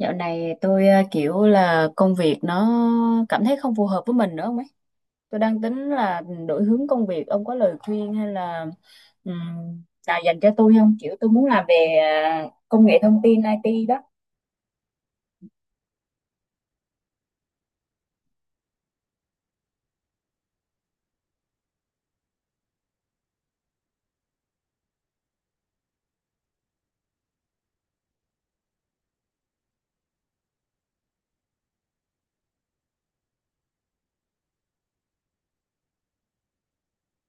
Dạo này tôi kiểu là công việc nó cảm thấy không phù hợp với mình nữa không ấy. Tôi đang tính là đổi hướng công việc. Ông có lời khuyên hay là ừm, nào dành cho tôi không? Kiểu tôi muốn làm về công nghệ thông tin IT đó.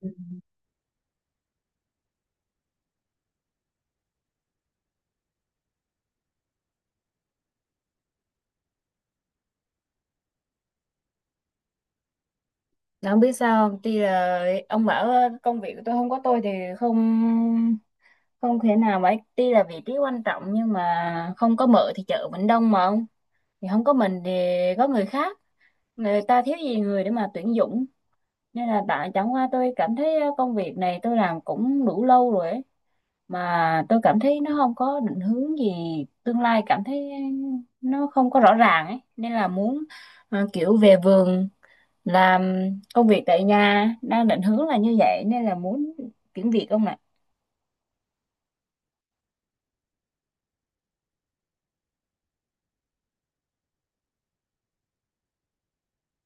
Ừ. Mà không biết sao không? Tuy là ông bảo công việc của tôi không có tôi thì không không thể nào mà tuy là vị trí quan trọng nhưng mà không có mợ thì chợ vẫn đông mà ông. Thì không có mình thì có người khác. Người ta thiếu gì người để mà tuyển dụng nên là tại chẳng qua tôi cảm thấy công việc này tôi làm cũng đủ lâu rồi ấy. Mà tôi cảm thấy nó không có định hướng gì tương lai cảm thấy nó không có rõ ràng ấy nên là muốn kiểu về vườn làm công việc tại nhà đang định hướng là như vậy nên là muốn chuyển việc không ạ.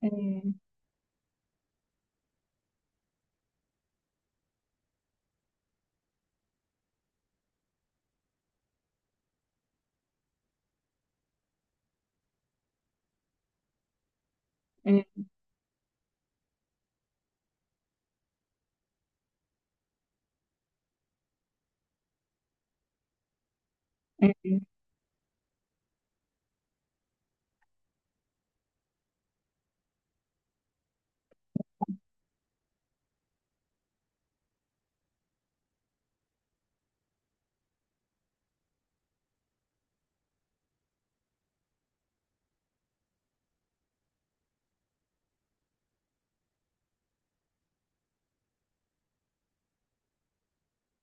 Ừ, ừ, ừ.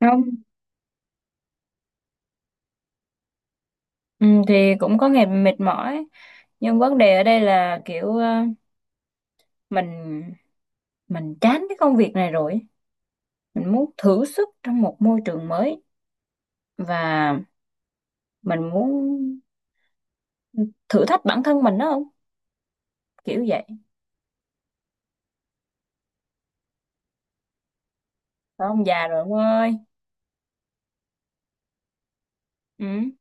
Không. Ừ, thì cũng có ngày mệt mỏi nhưng vấn đề ở đây là kiểu mình mình chán cái công việc này rồi mình muốn thử sức trong một môi trường mới và mình muốn thử thách bản thân mình đó không kiểu vậy. Thôi ông già rồi ông ơi. Ừ,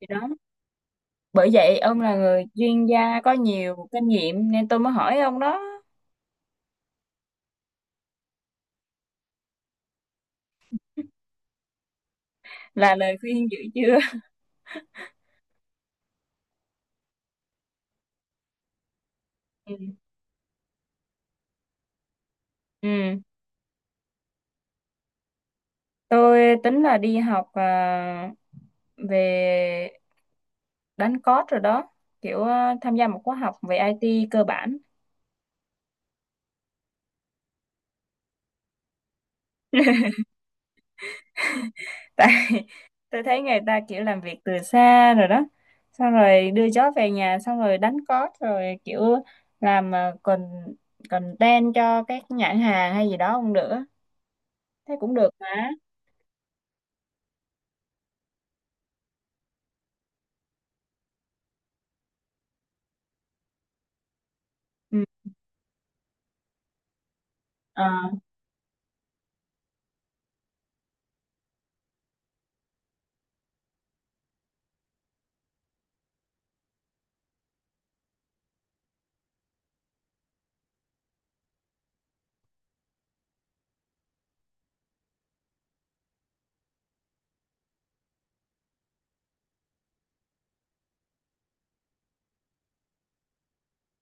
thì đó bởi vậy ông là người chuyên gia có nhiều kinh nghiệm nên tôi mới hỏi ông đó là lời khuyên dữ chưa. Ừ. Ừ, tôi tính là đi học à, về đánh code rồi đó kiểu à, tham gia một khóa học về IT cơ bản tại tôi thấy người ta kiểu làm việc từ xa rồi đó xong rồi đưa chó về nhà xong rồi đánh cót rồi kiểu làm con content cho các nhãn hàng hay gì đó cũng được á. Thế cũng được mà. Ừ. Ờ,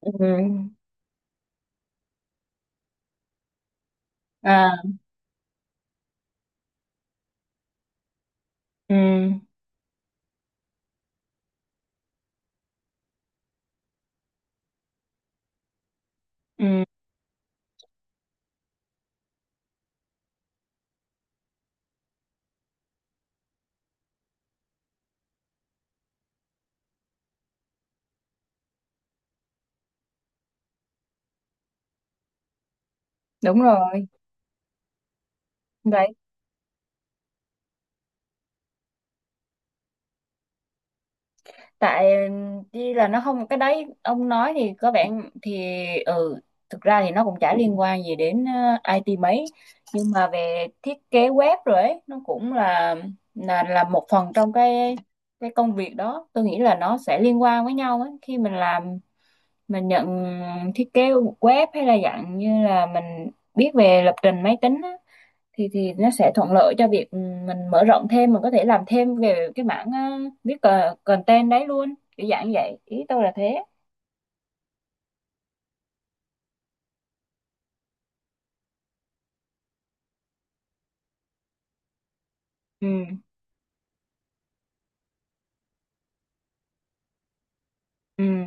ừ. À, ừ. Ừ. Đúng rồi. Vậy tại đi là nó không cái đấy ông nói thì có vẻ thì ừ thực ra thì nó cũng chả liên quan gì đến IT mấy nhưng mà về thiết kế web rồi ấy nó cũng là một phần trong cái công việc đó tôi nghĩ là nó sẽ liên quan với nhau ấy khi mình làm mình nhận thiết kế web hay là dạng như là mình biết về lập trình máy tính á, thì nó sẽ thuận lợi cho việc mình mở rộng thêm mình có thể làm thêm về cái mảng viết content đấy luôn kiểu dạng như vậy ý tôi là thế. Ừ. Ừ.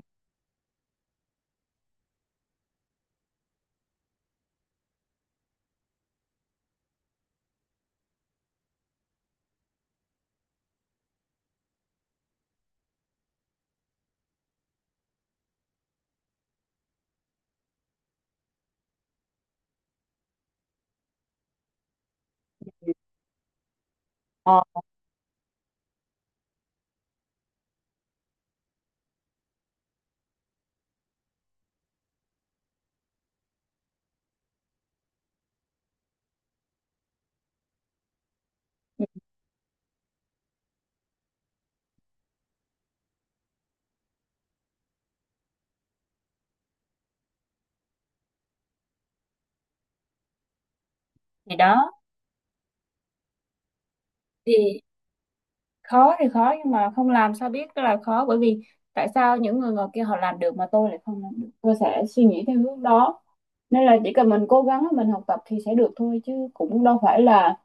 Ờ, thì đó thì thì khó nhưng mà không làm sao biết là khó bởi vì tại sao những người ngoài kia họ làm được mà tôi lại không làm được tôi sẽ suy nghĩ theo hướng đó nên là chỉ cần mình cố gắng mình học tập thì sẽ được thôi chứ cũng đâu phải là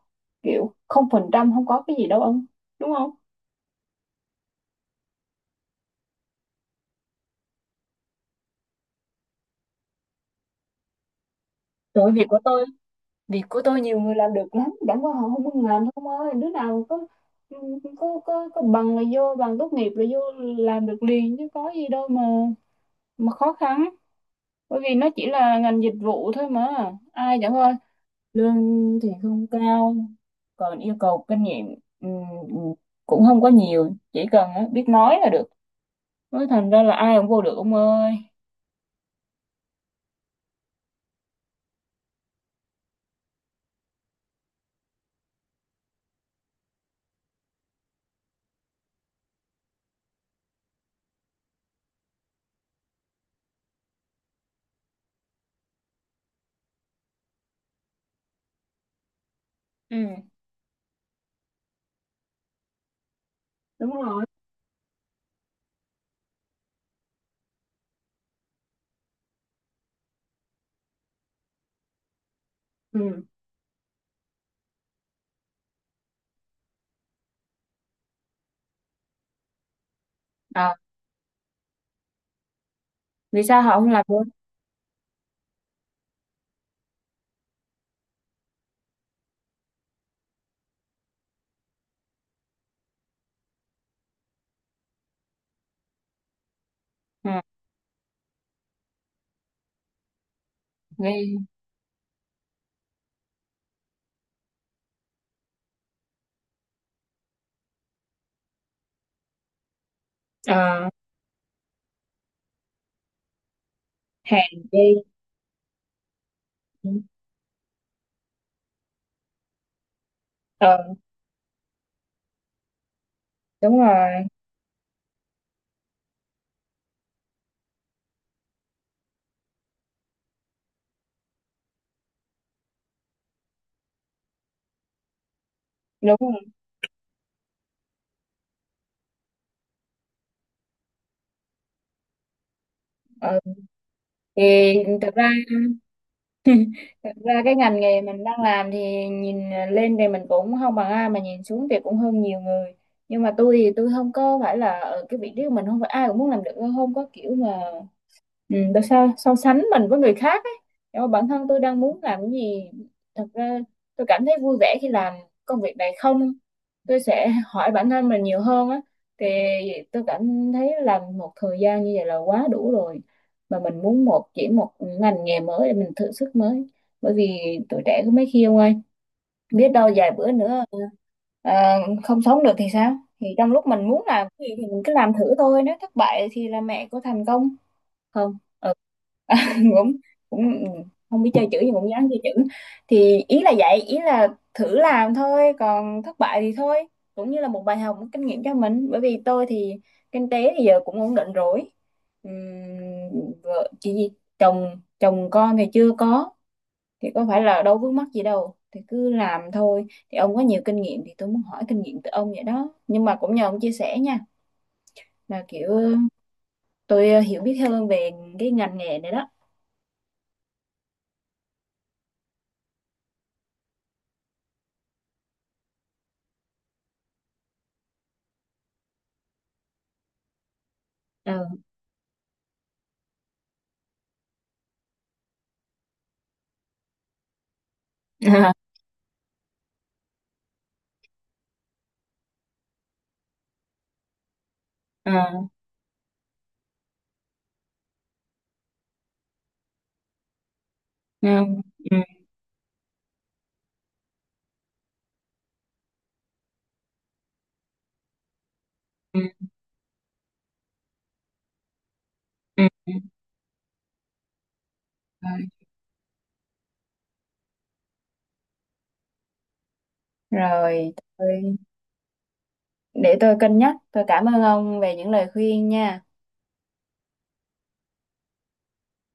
kiểu không phần trăm không có cái gì đâu ông đúng không. Sự việc của tôi nhiều người làm được lắm chẳng qua họ không muốn làm không ơi đứa nào có bằng là vô bằng tốt nghiệp là vô làm được liền chứ có gì đâu mà khó khăn bởi vì nó chỉ là ngành dịch vụ thôi mà ai chẳng ơi lương thì không cao còn yêu cầu kinh nghiệm ừm, ừm, cũng không có nhiều chỉ cần á, biết nói là được nói thành ra là ai cũng vô được ông ơi. Ừ. Đúng rồi. Ừ. À, vì sao họ không làm luôn. À. Nghe. À. Hèn chi. Ờ. Đúng rồi. Đúng rồi. Ờ. Thì thực ra thực ra cái ngành nghề mình đang làm thì nhìn lên thì mình cũng không bằng ai mà nhìn xuống thì cũng hơn nhiều người nhưng mà tôi thì tôi không có phải là ở cái vị trí của mình không phải ai cũng muốn làm được không có kiểu mà. Ừ, tại sao so sánh mình với người khác ấy. Nhưng mà bản thân tôi đang muốn làm cái gì thật ra tôi cảm thấy vui vẻ khi làm công việc này không tôi sẽ hỏi bản thân mình nhiều hơn á thì tôi cảm thấy làm một thời gian như vậy là quá đủ rồi mà mình muốn một chỉ một ngành nghề mới để mình thử sức mới bởi vì tuổi trẻ có mấy khi ông ơi biết đâu vài bữa nữa à, không sống được thì sao thì trong lúc mình muốn làm cái gì thì mình cứ làm thử thôi nếu thất bại thì là mẹ của thành công. Không. Ừ. À, cũng cũng không biết chơi chữ nhưng cũng dám chơi chữ thì ý là vậy ý là thử làm thôi còn thất bại thì thôi cũng như là một bài học một kinh nghiệm cho mình bởi vì tôi thì kinh tế thì giờ cũng ổn định rồi. Ừm, Vợ chị gì chồng chồng con thì chưa có thì có phải là đâu vướng mắc gì đâu thì cứ làm thôi thì ông có nhiều kinh nghiệm thì tôi muốn hỏi kinh nghiệm từ ông vậy đó nhưng mà cũng nhờ ông chia sẻ nha là kiểu tôi hiểu biết hơn về cái ngành nghề này đó. Ừ. À, à, không. Ừ, ừ, ừ, ừ. Rồi, rồi để tôi cân nhắc. Tôi cảm ơn ông về những lời khuyên nha.